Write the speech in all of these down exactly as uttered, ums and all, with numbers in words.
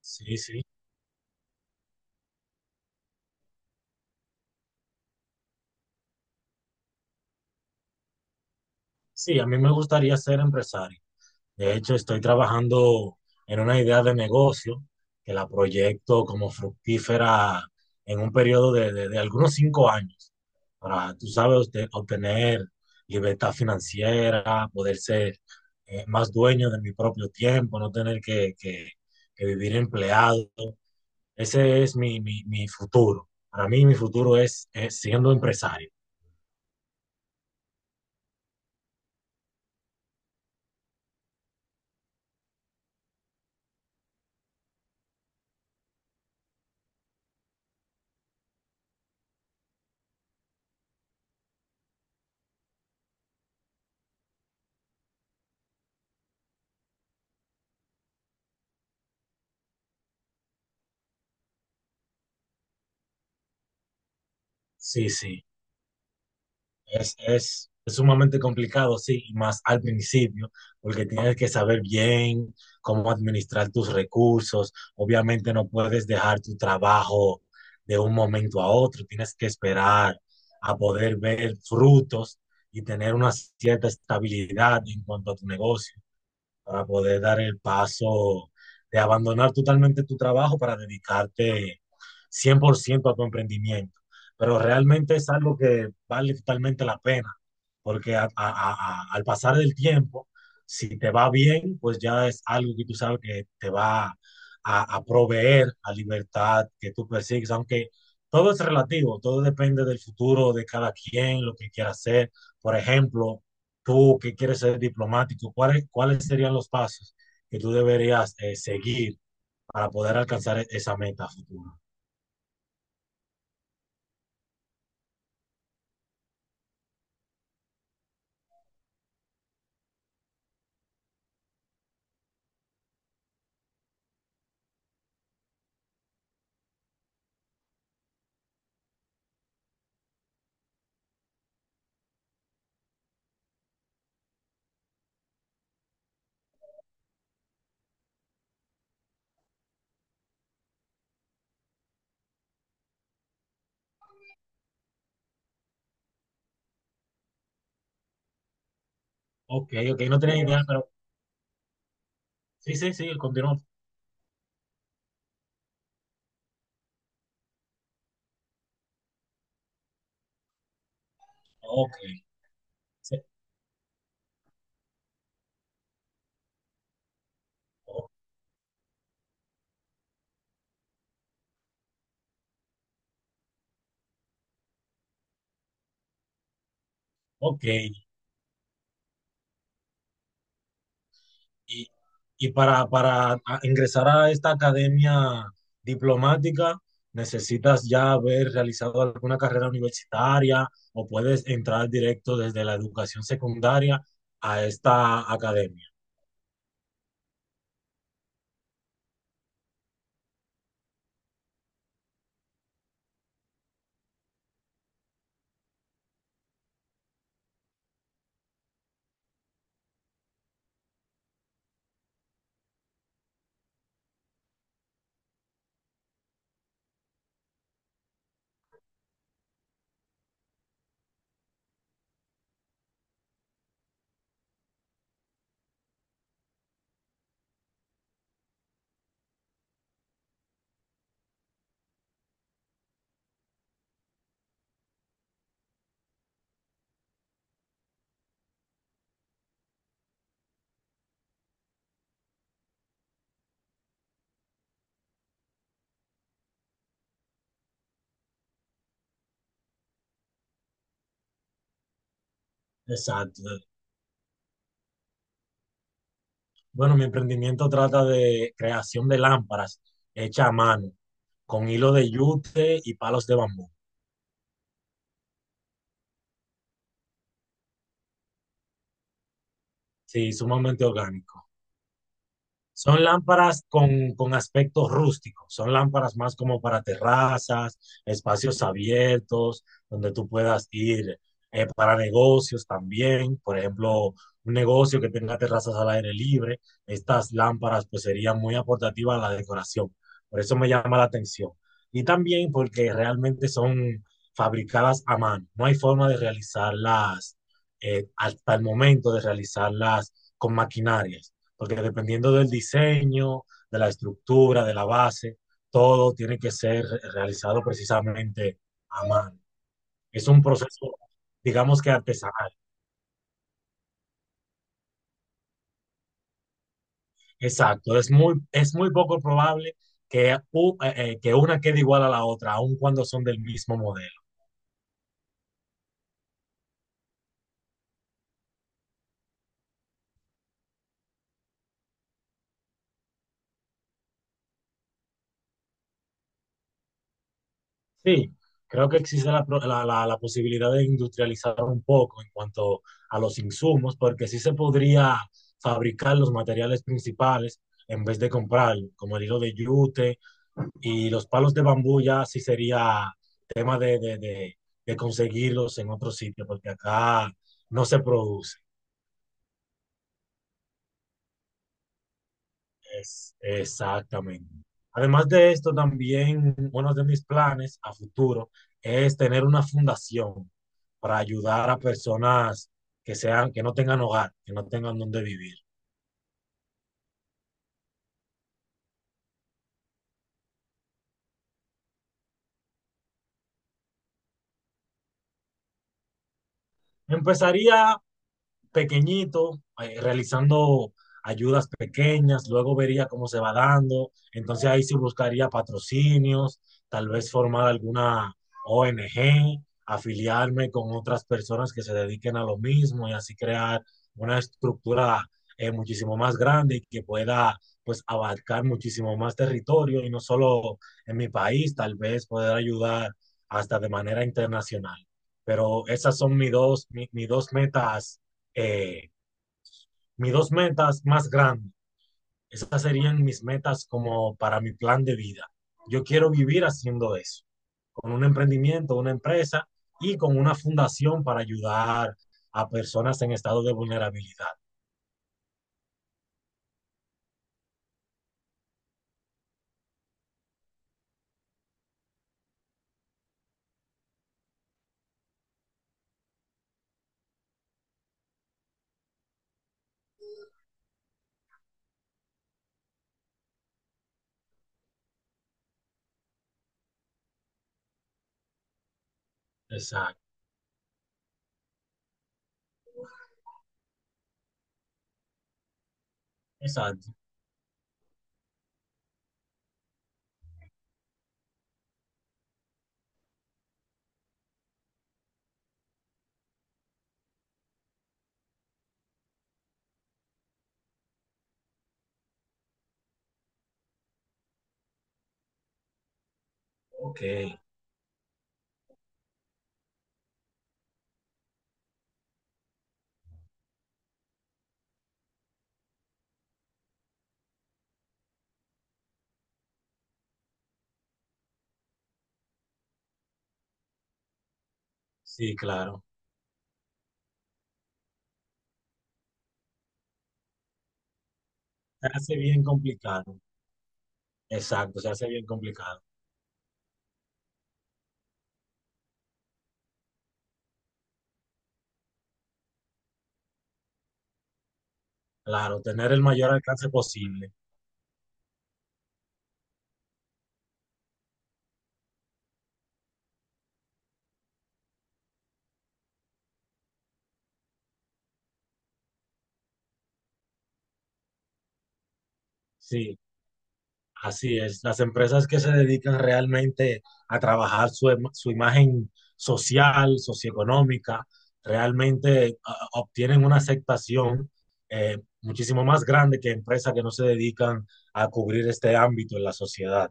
Sí, sí. Sí, a mí me gustaría ser empresario. De hecho, estoy trabajando en una idea de negocio que la proyecto como fructífera en un periodo de, de- de algunos cinco años para, tú sabes, obte- obtener libertad financiera, poder ser eh, más dueño de mi propio tiempo, no tener que, que- que vivir empleado. Ese es mi, mi- mi futuro. Para mí, mi futuro es es siendo empresario. Sí, sí. Es, es, es sumamente complicado, sí, y más al principio, porque tienes que saber bien cómo administrar tus recursos. Obviamente no puedes dejar tu trabajo de un momento a otro, tienes que esperar a poder ver frutos y tener una cierta estabilidad en cuanto a tu negocio para poder dar el paso de abandonar totalmente tu trabajo para dedicarte cien por ciento a tu emprendimiento. Pero realmente es algo que vale totalmente la pena, porque a- a- a- a- al pasar del tiempo, si te va bien, pues ya es algo que tú sabes que te va a, a proveer la libertad que tú persigues, aunque todo es relativo, todo depende del futuro de cada quien, lo que quiera hacer. Por ejemplo, tú que quieres ser diplomático, ¿cuáles, cuáles serían los pasos que tú deberías eh, seguir para poder alcanzar e- esa meta futura? Ok, ok, no tenía idea, pero sí, sí, sí, continúa. Ok, sí, o- ok. Y, y para, para a- ingresar a esta academia diplomática, ¿necesitas ya haber realizado alguna carrera universitaria o puedes entrar directo desde la educación secundaria a esta academia? Exacto. Bueno, mi emprendimiento trata de creación de lámparas hechas a mano, con hilo de yute y palos de bambú. Sí, sumamente orgánico. Son lámparas con, con aspecto rústico, son lámparas más como para terrazas, espacios abiertos, donde tú puedas ir eh, para negocios también, por ejemplo, un negocio que tenga terrazas al aire libre, estas lámparas pues serían muy aportativas a la decoración, por eso me llama la atención. Y también porque realmente son fabricadas a mano, no hay forma de realizarlas eh, hasta el momento de realizarlas con maquinarias porque dependiendo del diseño, de la estructura, de la base, todo tiene que ser realizado precisamente a mano. Es un proceso, digamos que artesanal. Exacto, es muy, es muy poco probable que, u- eh, eh, que una quede igual a la otra, aun cuando son del mismo modelo. Sí, creo que existe la, pro- la, la- la posibilidad de industrializar un poco en cuanto a los insumos, porque sí se podría fabricar los materiales principales en vez de comprar, como el hilo de yute y los palos de bambú ya sí sería tema de, de, de, de conseguirlos en otro sitio, porque acá no se produce. Es, exactamente. Además de esto, también uno de mis planes a futuro es tener una fundación para ayudar a personas que sean, que no tengan hogar, que no tengan dónde vivir. Empezaría pequeñito, eh, realizando ayudas pequeñas, luego vería cómo se va dando, entonces ahí sí buscaría patrocinios, tal vez formar alguna O N G, afiliarme con otras personas que se dediquen a lo mismo y así crear una estructura eh, muchísimo más grande y que pueda pues abarcar muchísimo más territorio y no solo en mi país, tal vez poder ayudar hasta de manera internacional. Pero esas son mis dos, mi, mis dos metas eh, mis dos metas más grandes, esas serían mis metas como para mi plan de vida. Yo quiero vivir haciendo eso, con un emprendimiento, una empresa y con una fundación para ayudar a personas en estado de vulnerabilidad. Exacto, exacto. Ok, sí, claro. Se hace bien complicado. Exacto, se hace bien complicado. Claro, tener el mayor alcance posible. Sí, así es, las empresas que se dedican realmente a trabajar su, em- su imagen social, socioeconómica, realmente ah, ah, obtienen una aceptación eh, muchísimo más grande que empresas que no se dedican a cubrir este ámbito en la sociedad.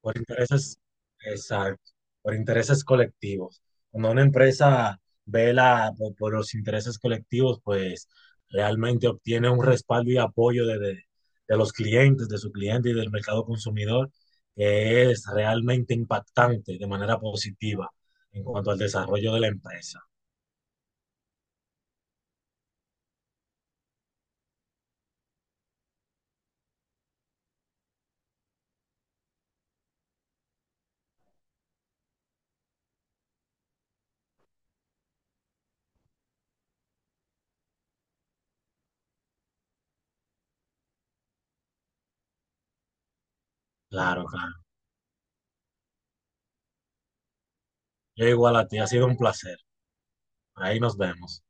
Por intereses, exacto, por intereses colectivos. Cuando una empresa vela por, por los intereses colectivos, pues realmente obtiene un respaldo y apoyo de, de- de los clientes, de su cliente y del mercado consumidor, que es realmente impactante de manera positiva en cuanto al desarrollo de la empresa. Claro, claro. Yo igual a ti, ha sido un placer. Ahí nos vemos.